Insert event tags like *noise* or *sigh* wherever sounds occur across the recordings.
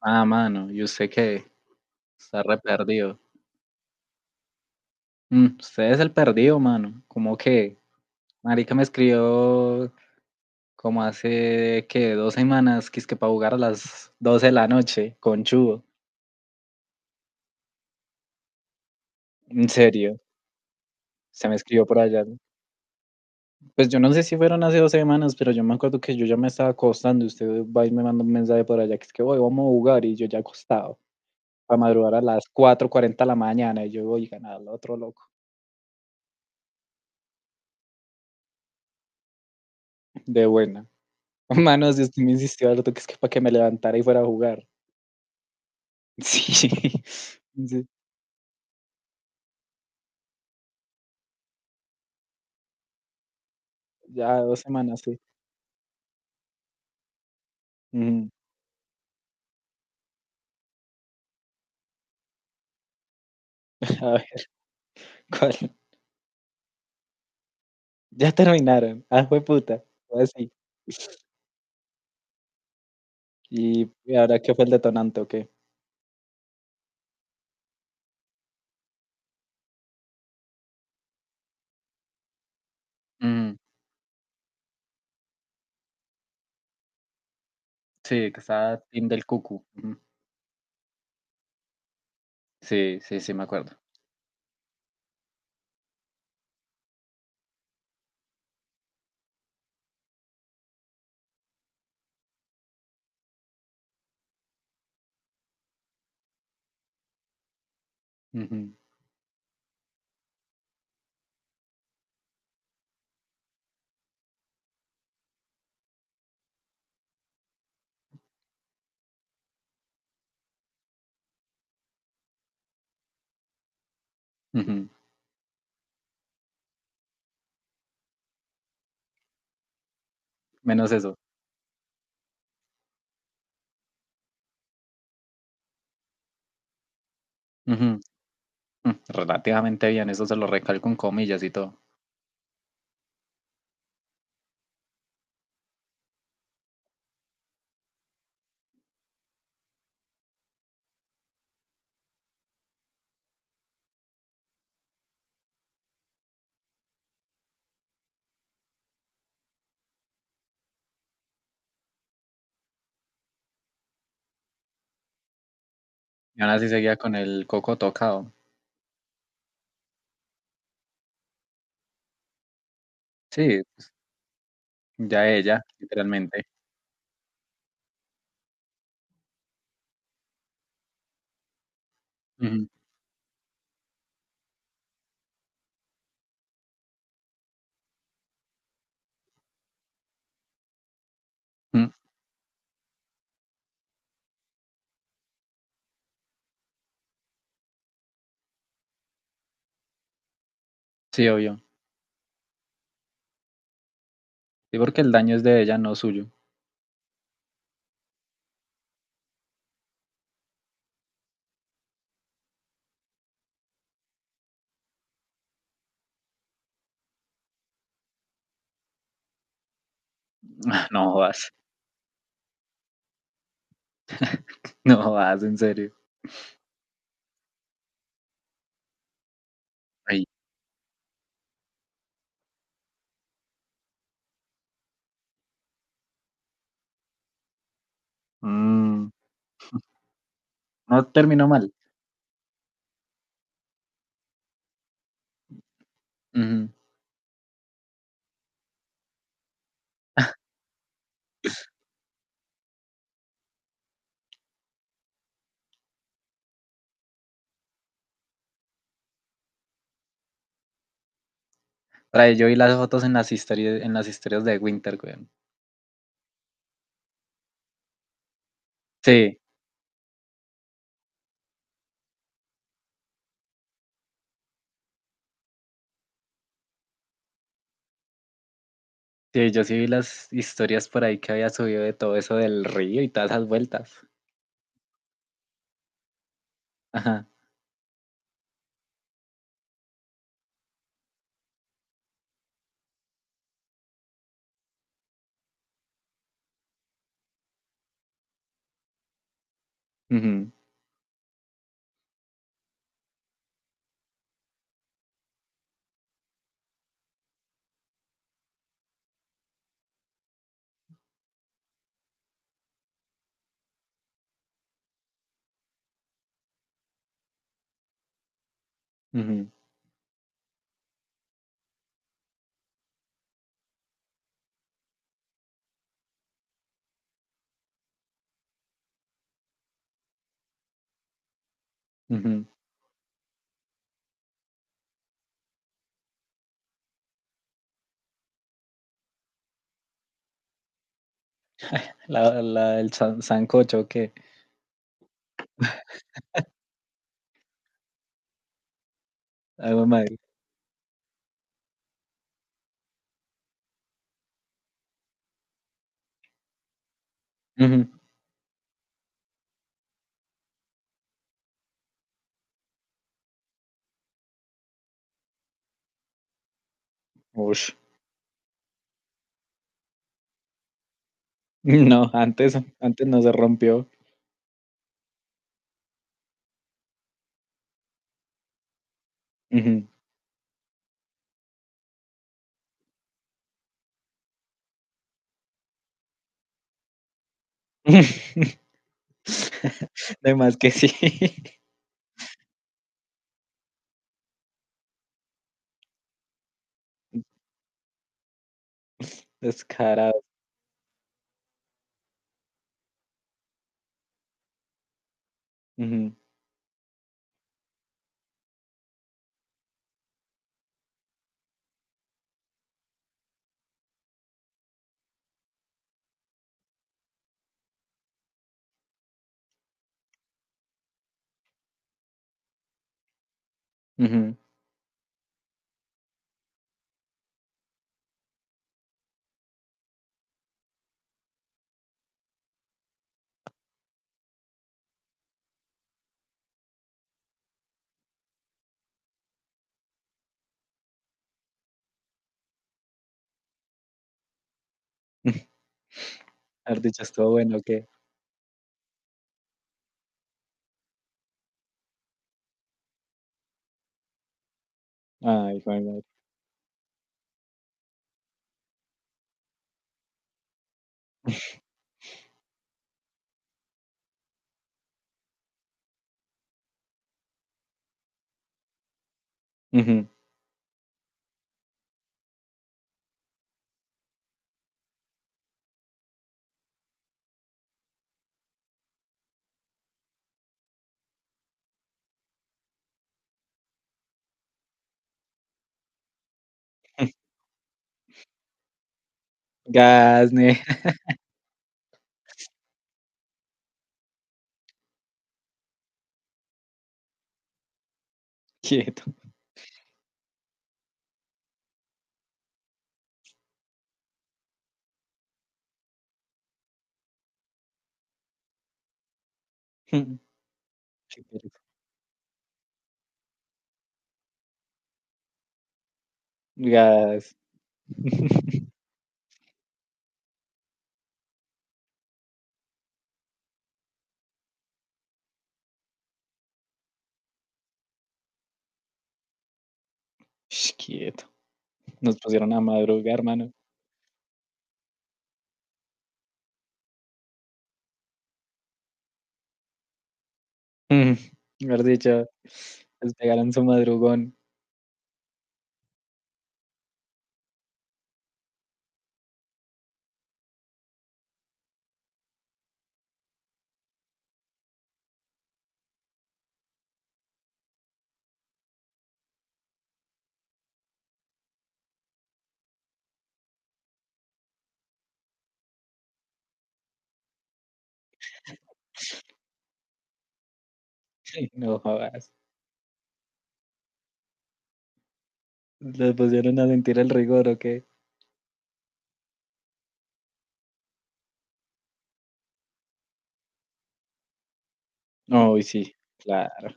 Ah, mano, y usted que está re perdido. Mm, usted es el perdido, mano. ¿Cómo que, marica me escribió como hace que 2 semanas que es que para jugar a las 12 de la noche con Chugo? En serio, se me escribió por allá. Pues yo no sé si fueron hace 2 semanas, pero yo me acuerdo que yo ya me estaba acostando, y usted va y me manda un mensaje por allá que es que hoy vamos a jugar y yo ya acostado. Para madrugar a las 4:40 de la mañana y yo voy a ganar al otro loco. De buena. *laughs* Manos, Dios, tú me insistió harto que es que para que me levantara y fuera a jugar. *laughs* Sí, sí, ya 2 semanas, sí. Ujú. *laughs* A ver, ¿cuál? Ya terminaron. Ah, fue puta sí. ¿Y ahora qué fue el detonante o qué? Mm, sí, que estaba team del cucu. Ujú. Sí, sí, sí, me acuerdo. Ujú, ujú. Menos eso. Ujú, relativamente bien, eso se lo recalco con comillas y todo. Y aún así seguía con el coco tocado. Sí, pues, ya ella, literalmente. Ujú, mm, sí, obvio. Sí, porque el daño es de ella, no suyo. *laughs* No jodas, no jodas, en serio. Ay, mm, no terminó mal. Ujú. Trae, yo vi las fotos en las historias de Winter, güey. Sí, sí, yo sí vi las historias por ahí que había subido de todo eso del río y todas esas vueltas. Ajá. Ujú, ujú, ujú. La del sancocho que. Ay, güey, madre. Ujú. Ush. *laughs* No, antes no se rompió. Ujú. *laughs* De más que sí. *laughs* Descarado. Ujú, ujú. Haber dicho: "Estuvo bueno, ¿o qué?". Ay, juemad. Ujú. Gas, ne *laughs* quieto. Ujú. Qué pereza. Gas. *laughs* Ush, quieto. Nos pusieron a madrugar, mano. Mm, mejor dicho, les pegaron su madrugón. *laughs* Ay, no jodas. Los pusieron a sentir el rigor, ¿o qué? Uy, sí, claro.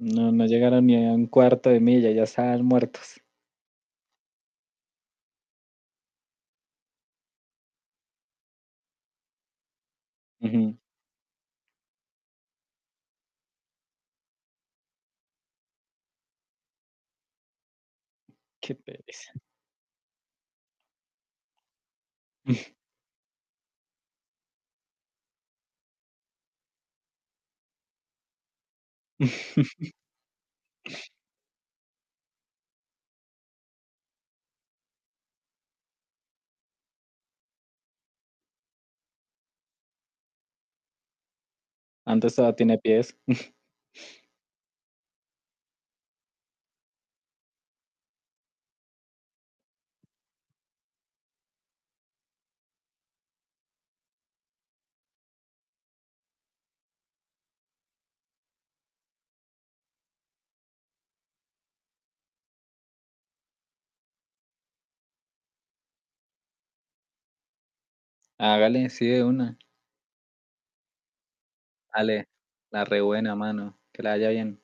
No, no llegaron ni a un cuarto de milla, ya estaban muertos. Ujú. Qué pereza. *laughs* Antes todo tiene pies. Hágale, sí, de una. Dale, la rebuena, mano. Que la haya bien.